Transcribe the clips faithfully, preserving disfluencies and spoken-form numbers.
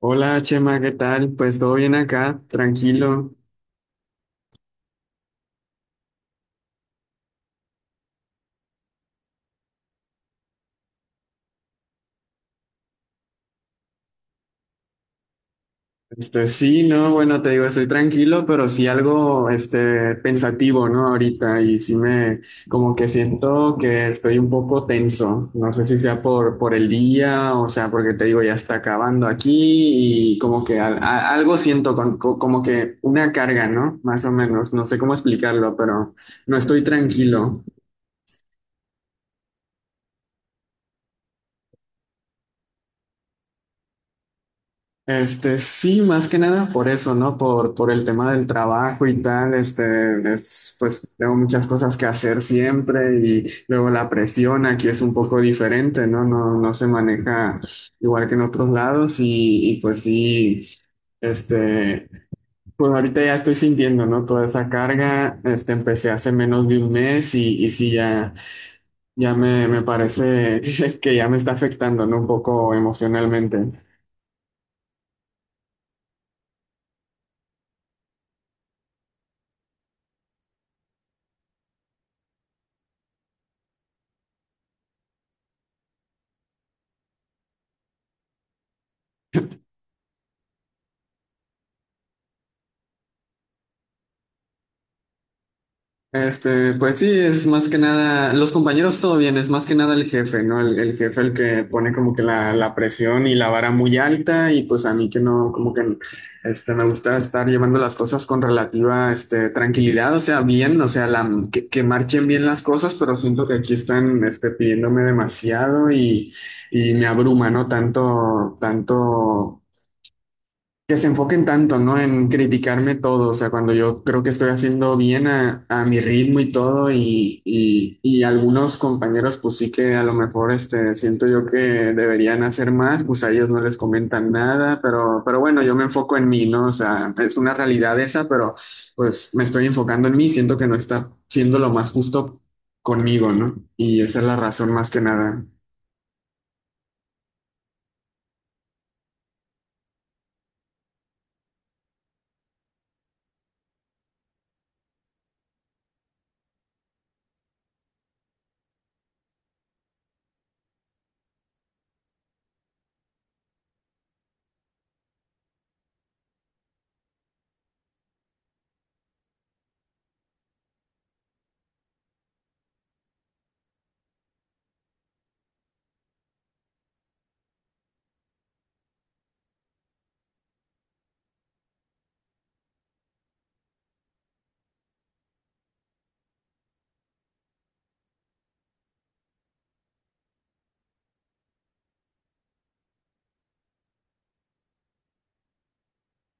Hola Chema, ¿qué tal? Pues todo bien acá, tranquilo. Este, sí, no, bueno, te digo, estoy tranquilo, pero sí algo, este, pensativo, ¿no? Ahorita, y sí me, como que siento que estoy un poco tenso. No sé si sea por, por el día, o sea, porque te digo, ya está acabando aquí, y como que al- a- algo siento, con- co- como que una carga, ¿no? Más o menos, no sé cómo explicarlo, pero no estoy tranquilo. Este, sí, más que nada por eso, ¿no? Por, por el tema del trabajo y tal, este, es, pues tengo muchas cosas que hacer siempre y luego la presión aquí es un poco diferente, ¿no? No, no se maneja igual que en otros lados y, y pues sí, este, pues ahorita ya estoy sintiendo, ¿no? Toda esa carga. Este, empecé hace menos de un mes y, y sí, ya, ya me, me parece que ya me está afectando, ¿no? Un poco emocionalmente. Este, pues sí, es más que nada, los compañeros todo bien, es más que nada el jefe, ¿no? El, el jefe el que pone como que la, la presión y la vara muy alta, y pues a mí que no, como que este, me gusta estar llevando las cosas con relativa este, tranquilidad, o sea, bien, o sea, la, que, que marchen bien las cosas, pero siento que aquí están este, pidiéndome demasiado y, y me abruma, ¿no? Tanto, tanto que se enfoquen tanto, ¿no? En criticarme todo. O sea, cuando yo creo que estoy haciendo bien a, a mi ritmo y todo, y, y, y algunos compañeros, pues sí que a lo mejor, este, siento yo que deberían hacer más, pues a ellos no les comentan nada, pero, pero bueno, yo me enfoco en mí, ¿no? O sea, es una realidad esa, pero pues me estoy enfocando en mí, siento que no está siendo lo más justo conmigo, ¿no? Y esa es la razón más que nada.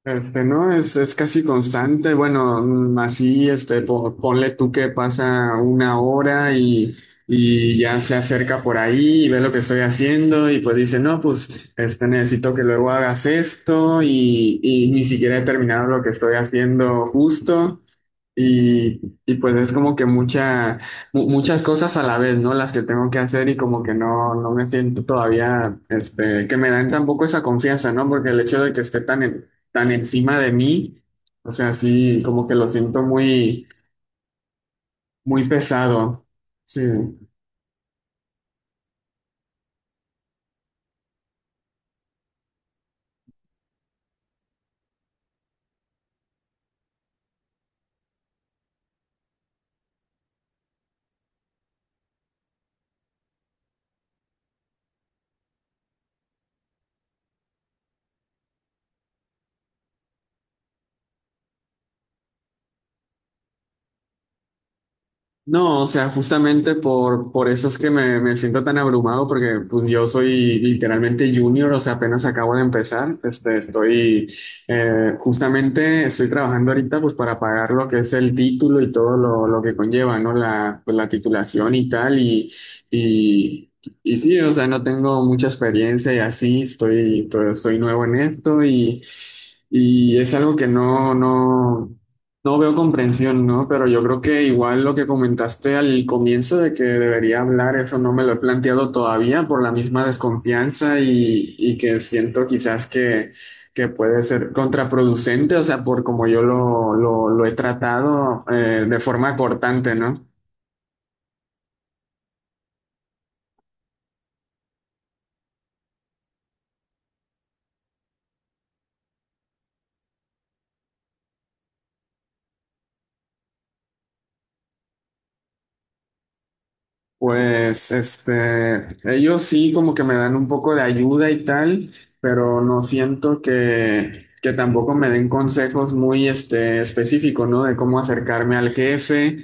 Este, ¿no? Es, es casi constante. Bueno, mm, así, este, po- ponle tú que pasa una hora y, y ya se acerca por ahí y ve lo que estoy haciendo, y pues dice, no, pues, este, necesito que luego hagas esto, y, y ni siquiera he terminado lo que estoy haciendo justo. Y, y pues es como que mucha, mu- muchas cosas a la vez, ¿no? Las que tengo que hacer. Y como que no, no me siento todavía, este, que me dan tampoco esa confianza, ¿no? Porque el hecho de que esté tan, en- tan encima de mí, o sea, sí, como que lo siento muy, muy pesado. Sí. No, o sea, justamente por, por eso es que me, me siento tan abrumado, porque pues yo soy literalmente junior, o sea, apenas acabo de empezar. Este, estoy, eh, justamente estoy trabajando ahorita pues para pagar lo que es el título y todo lo, lo que conlleva, ¿no? La, pues, la titulación y tal, y, y, y sí, o sea, no tengo mucha experiencia y así, estoy, to- soy nuevo en esto, y, y es algo que no, no. No veo comprensión, ¿no? Pero yo creo que igual lo que comentaste al comienzo de que debería hablar, eso no me lo he planteado todavía por la misma desconfianza, y, y que siento quizás que, que puede ser contraproducente. O sea, por como yo lo, lo, lo he tratado, eh, de forma cortante, ¿no? Pues este, ellos sí como que me dan un poco de ayuda y tal, pero no siento que, que tampoco me den consejos muy este, específicos, ¿no? De cómo acercarme al jefe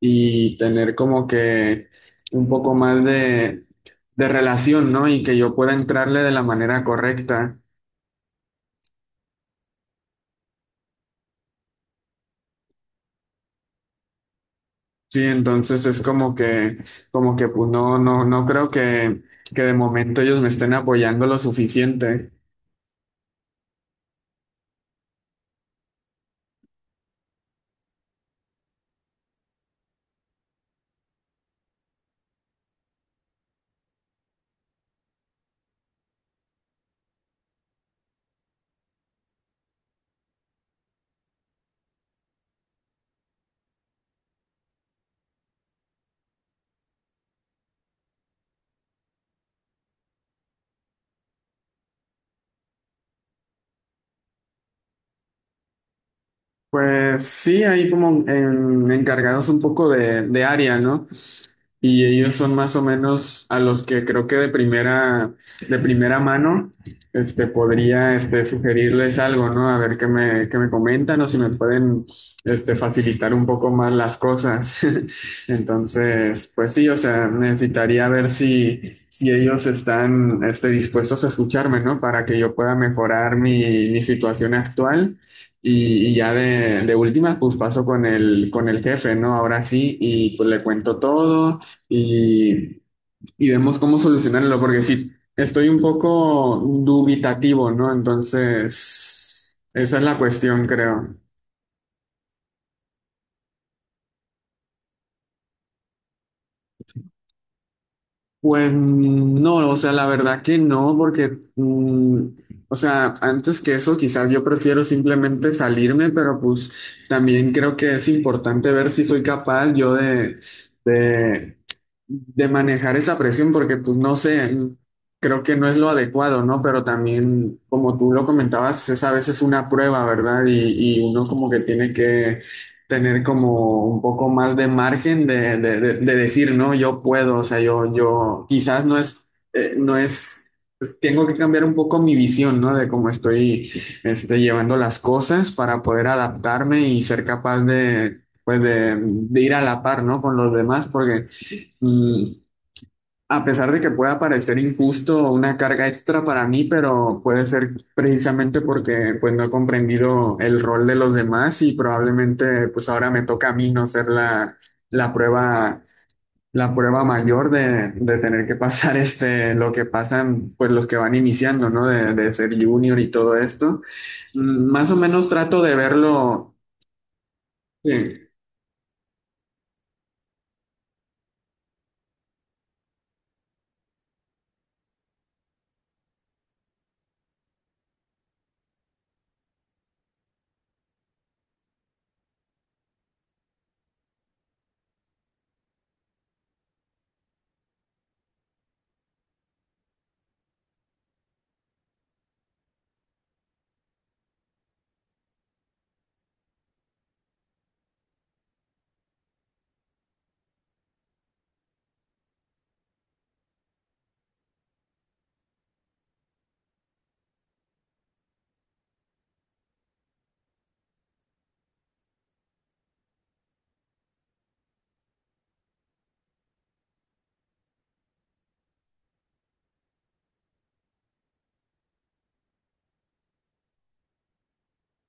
y tener como que un poco más de, de relación, ¿no? Y que yo pueda entrarle de la manera correcta. Sí, entonces es como que, como que pues no, no, no creo que, que de momento ellos me estén apoyando lo suficiente. Pues sí, hay como en- encargados un poco de, de área, ¿no? Y ellos son más o menos a los que creo que de primera, de primera mano, este, podría, este, sugerirles algo, ¿no? A ver qué me, qué me comentan o si me pueden, este, facilitar un poco más las cosas. Entonces, pues sí, o sea, necesitaría ver si, si ellos están, este, dispuestos a escucharme, ¿no? Para que yo pueda mejorar mi, mi situación actual. Y, y ya de, de última, pues paso con el, con el jefe, ¿no? Ahora sí, y pues le cuento todo y, y vemos cómo solucionarlo, porque sí, estoy un poco dubitativo, ¿no? Entonces, esa es la cuestión, creo. Pues mm, no, o sea, la verdad que no, porque, mm, o sea, antes que eso, quizás yo prefiero simplemente salirme, pero pues también creo que es importante ver si soy capaz yo de, de de manejar esa presión, porque pues no sé, creo que no es lo adecuado, ¿no? Pero también, como tú lo comentabas, es a veces una prueba, ¿verdad? Y, y uno como que tiene que tener como un poco más de margen de, de- de- de decir, no, yo puedo, o sea, yo, yo quizás no es, eh, no es, pues, tengo que cambiar un poco mi visión, ¿no? De cómo estoy, este, llevando las cosas para poder adaptarme y ser capaz de... Pues de, de ir a la par, ¿no? Con los demás, porque Mm, a pesar de que pueda parecer injusto o una carga extra para mí, pero puede ser precisamente porque pues no he comprendido el rol de los demás, y probablemente pues ahora me toca a mí no ser la, la prueba, la prueba mayor de, de tener que pasar este, lo que pasan pues los que van iniciando, ¿no? De, de ser junior y todo esto. Mm, Más o menos trato de verlo. Sí.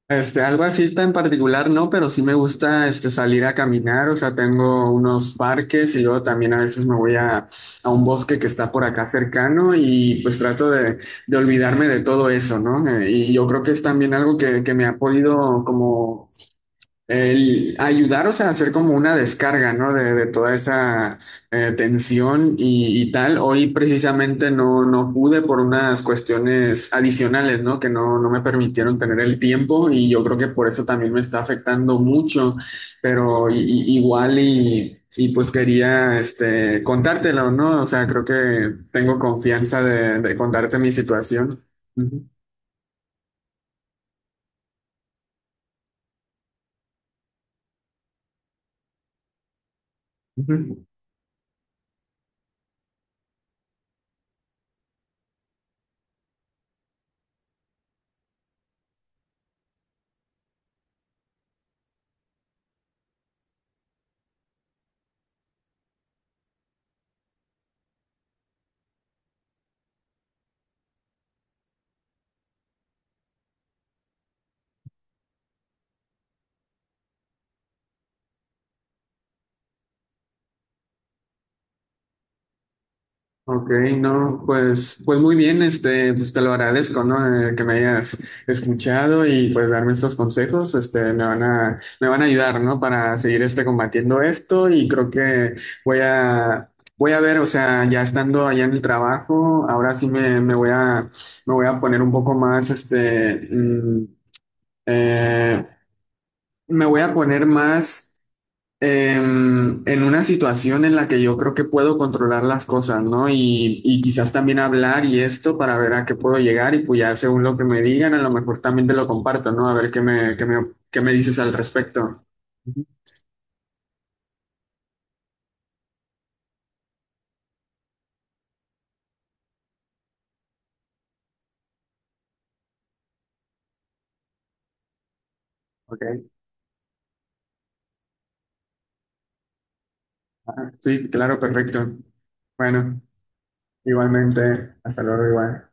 Este, algo así tan particular, no, pero sí me gusta este, salir a caminar, o sea, tengo unos parques y luego también a veces me voy a, a un bosque que está por acá cercano, y pues trato de, de olvidarme de todo eso, ¿no? Eh, y yo creo que es también algo que, que me ha podido como el ayudaros a hacer como una descarga, ¿no? De, de toda esa eh, tensión y, y tal. Hoy precisamente no, no pude por unas cuestiones adicionales, ¿no? Que no, no me permitieron tener el tiempo, y yo creo que por eso también me está afectando mucho, pero i- i- igual y, y pues quería este, contártelo, ¿no? O sea, creo que tengo confianza de, de contarte mi situación. Ujú, ujú. Ok, no, pues, pues muy bien, este, pues te lo agradezco, ¿no? Eh, que me hayas escuchado y pues darme estos consejos. Este, me van a, me van a ayudar, ¿no? Para seguir este combatiendo esto. Y creo que voy a, voy a ver, o sea, ya estando allá en el trabajo, ahora sí me, me voy a, me voy a poner un poco más, este, mm, eh, me voy a poner más em, en una situación en la que yo creo que puedo controlar las cosas, ¿no? Y, y quizás también hablar y esto para ver a qué puedo llegar, y pues ya según lo que me digan, a lo mejor también te lo comparto, ¿no? A ver qué me, qué me, qué me dices al respecto. Ujú. Ok. Ah, sí, claro, perfecto. Bueno, igualmente, hasta luego, igual.